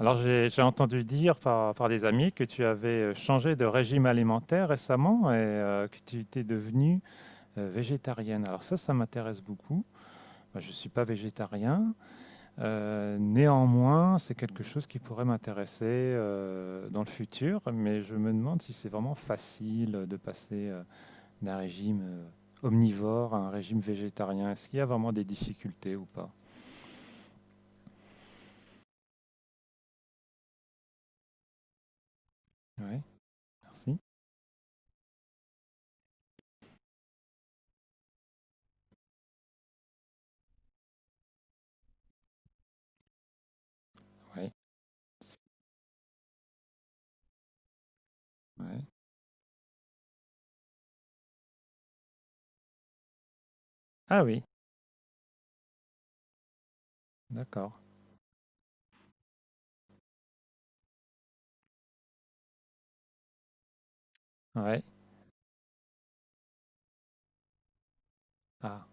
Alors j'ai entendu dire par des amis que tu avais changé de régime alimentaire récemment et que tu étais devenue végétarienne. Alors ça m'intéresse beaucoup. Moi, je ne suis pas végétarien. Néanmoins, c'est quelque chose qui pourrait m'intéresser dans le futur, mais je me demande si c'est vraiment facile de passer d'un régime omnivore à un régime végétarien. Est-ce qu'il y a vraiment des difficultés ou pas? Oui, merci. Oui, oui. Ah oui, d'accord. Ouais. Ah.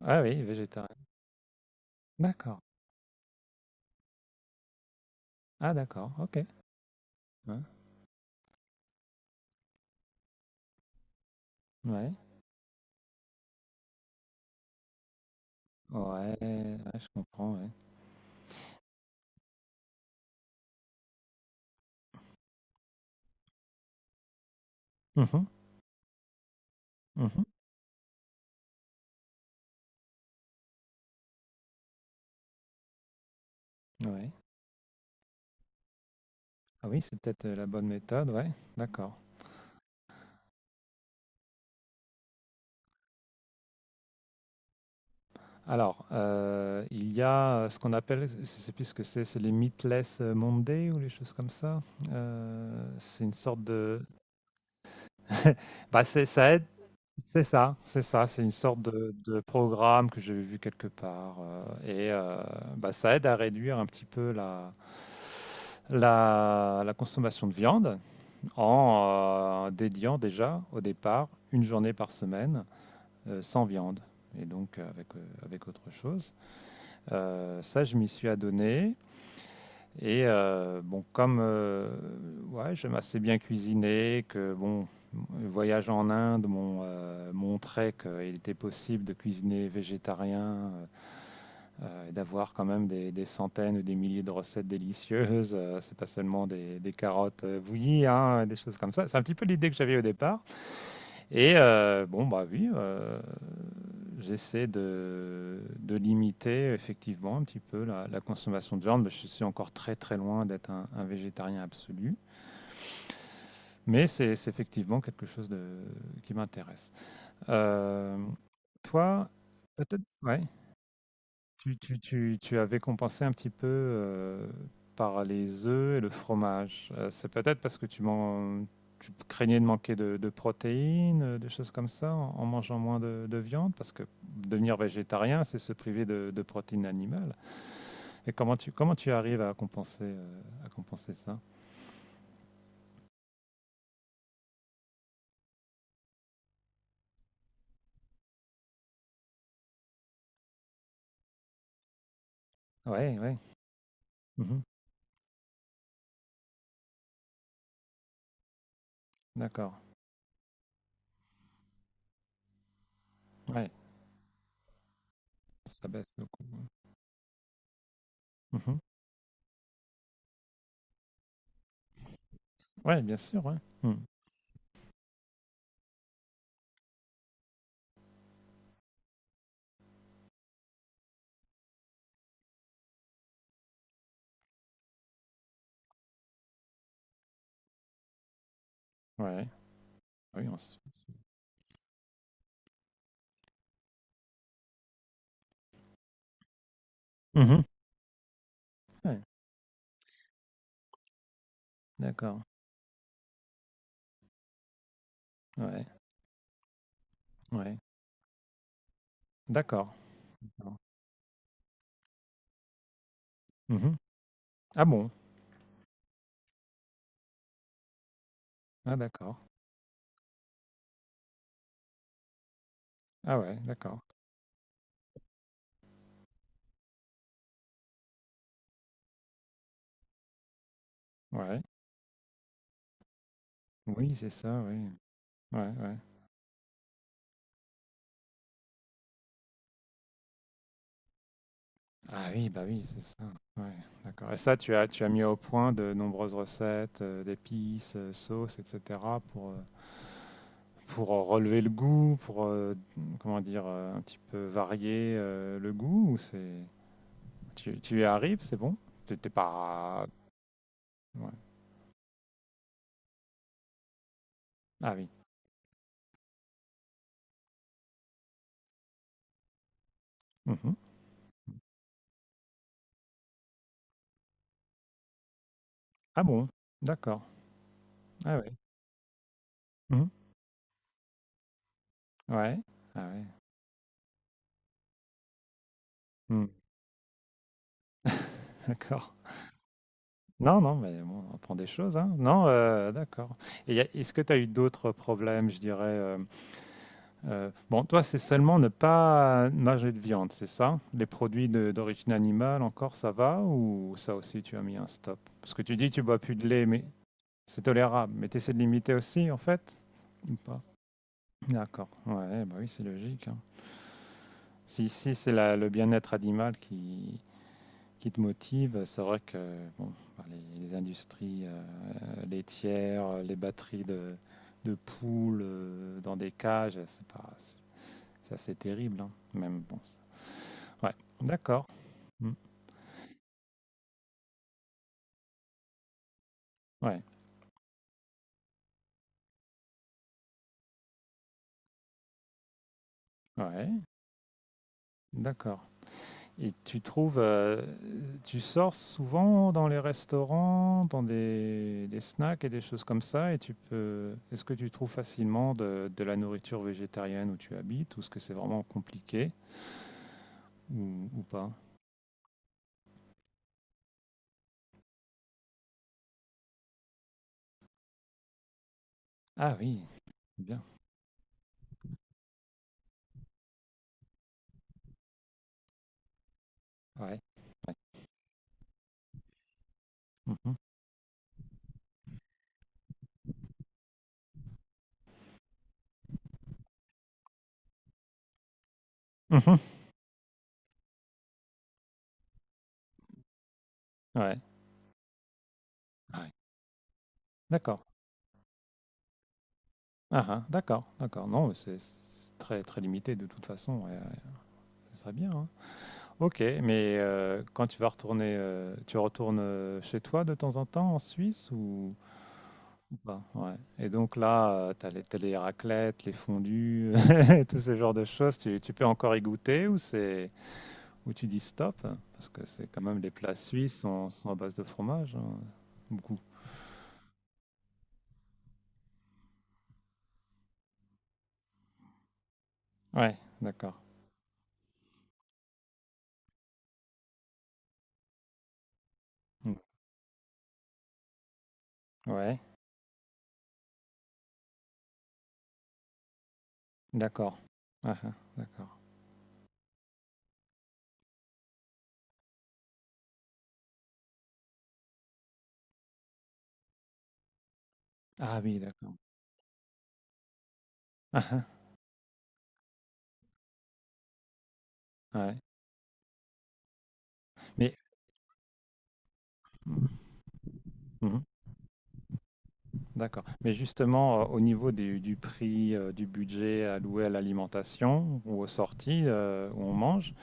Ah oui, végétarien. D'accord. Ah d'accord, OK. Ouais. Ouais. Ouais, ouais, je comprends, ouais. Mhm. Mhm. Ouais. Ah oui, c'est peut-être la bonne méthode, ouais. D'accord. Alors, il y a ce qu'on appelle, je sais plus ce que c'est les Meatless Monday ou les choses comme ça. C'est une sorte de Bah, c'est- ça aide. C'est ça, c'est une sorte de programme que j'avais vu quelque part, et bah, ça aide à réduire un petit peu la consommation de viande en, dédiant déjà, au départ, une journée par semaine, sans viande et donc, avec, avec autre chose. Ça, je m'y suis adonné. Et bon, comme ouais, j'aime assez bien cuisiner, que bon, le voyage en Inde m'ont montré qu'il était possible de cuisiner végétarien et d'avoir quand même des centaines ou des milliers de recettes délicieuses. C'est pas seulement des carottes bouillies, hein, des choses comme ça. C'est un petit peu l'idée que j'avais au départ. Et bon, bah oui, j'essaie de limiter effectivement un petit peu la, la consommation de viande, mais je suis encore très loin d'être un végétarien absolu, mais c'est effectivement quelque chose de, qui m'intéresse. Euh, Toi, peut-être, ouais. Tu avais compensé un petit peu, par les œufs et le fromage. C'est peut-être parce que tu craignais de manquer de protéines, des choses comme ça, en en mangeant moins de viande? Parce que devenir végétarien, c'est se priver de protéines animales, et comment tu arrives à compenser ça? Ouais, ouais. Mmh. D'accord. Ouais, ça baisse beaucoup, ouais. Mmh. Ouais, bien sûr, ouais. Mmh. Ouais. Ah oui, on Mmh. Ouais, d'accord. Ouais, ouais. D'accord. D'accord. Mmh. Ah bon? Ah d'accord. Ah ouais, d'accord. Ouais. Oui, c'est ça, oui. Ouais, ouais. Ah oui, bah oui, c'est ça. Ouais, d'accord. Et ça, tu as mis au point de nombreuses recettes, d'épices, sauces et cetera pour, relever le goût, comment dire? Un petit peu varier, le goût ou c'est tu y arrives, c'est bon? T'es étais pas ouais. Ah oui. Mmh. Ah bon? D'accord. Ah ouais. Mmh. Ouais. Ah ouais. Mmh. D'accord. Non, non, mais bon, on apprend des choses, hein. Non, d'accord. Et est-ce que tu as eu d'autres problèmes, je dirais bon, toi, c'est seulement ne pas manger de viande, c'est ça? Les produits d'origine animale, encore, ça va? Ou ça aussi, tu as mis un stop? Parce que tu dis que tu bois plus de lait, mais c'est tolérable. Mais tu essaies de limiter aussi, en fait? Ou pas? D'accord. Ouais, bah oui, c'est logique, hein. Si, si c'est le bien-être animal qui te motive, c'est vrai que bon, bah, les industries laitières, les batteries de poules dans des cages, c'est pas, c'est assez terrible, hein, même. Ouais, d'accord. Hmm. Ouais, ouais, d'accord. Et tu trouves, tu sors souvent dans les restaurants, dans des snacks et des choses comme ça, et tu peux, est-ce que tu trouves facilement de la nourriture végétarienne où tu habites, ou est-ce que c'est vraiment compliqué, ou pas? Ah oui, bien, ouais. Ouais. Mhm. Mhm. Ouais, ouais. D'accord. Ah ah, d'accord, d'accord. Non, mais c'est c'est très limité de toute façon, ouais, ouais. Ce serait bien, hein. Ok, mais quand tu vas retourner, tu retournes chez toi de temps en temps en Suisse ou pas? Ouais. Et donc là, tu as les, t'as les raclettes, les fondus, tous ces genres de choses. Tu peux encore y goûter ou c'est ou tu dis stop? Parce que c'est quand même les plats suisses sont, sont à base de fromage, hein, beaucoup. Ouais, d'accord. Mmh. Ouais, d'accord. Ah, hein, d'accord. Ah oui, d'accord. Ah, hein, ouais. Mais mmh, mmh, d'accord. Mais justement, au niveau du prix, du budget alloué à l'alimentation ou aux sorties où on mange,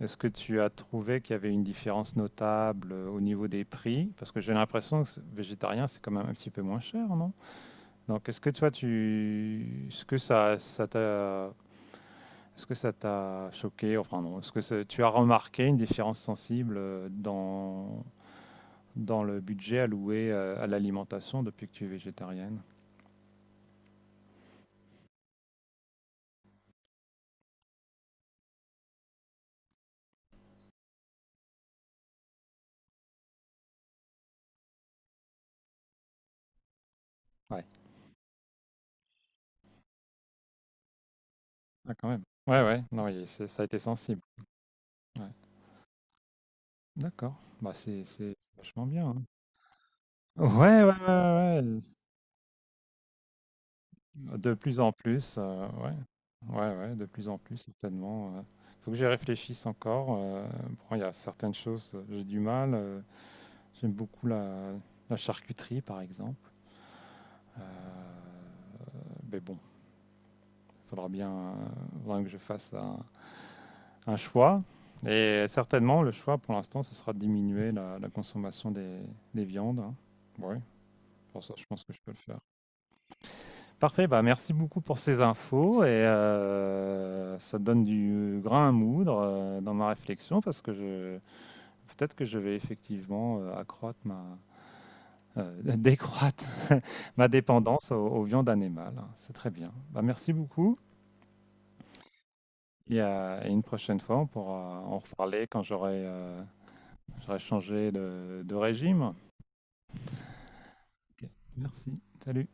est-ce que tu as trouvé qu'il y avait une différence notable au niveau des prix? Parce que j'ai l'impression que végétarien, c'est quand même un petit peu moins cher, non? Donc, est-ce que toi, tu, est-ce que ça t'a choqué, enfin non, est-ce que tu as remarqué une différence sensible dans, dans le budget alloué à l'alimentation depuis que tu es végétarienne? Ouais, ah, quand même. Ouais, ouais, non, il ça a été sensible. Ouais. D'accord, bah, c'est vachement bien, hein. Ouais, ouais, ouais, ouais. De plus en plus, ouais. Ouais, ouais, de plus en plus, certainement, ouais. Faut que j'y réfléchisse encore. Bon, il y a certaines choses, j'ai du mal. J'aime beaucoup la, la charcuterie, par exemple. Euh, mais bon, il faudra bien que je fasse un, choix. Et certainement, le choix pour l'instant, ce sera de diminuer la, la consommation des viandes, hein. Oui, pour ça, je pense que je peux le faire. Parfait, bah merci beaucoup pour ces infos. Et ça donne du grain à moudre dans ma réflexion parce que je, peut-être que je vais effectivement accroître ma, décroître ma dépendance aux, aux viandes animales. C'est très bien. Bah, merci beaucoup. Et une prochaine fois, on pourra en reparler quand j'aurai j'aurai changé de régime. Ok, merci. Salut.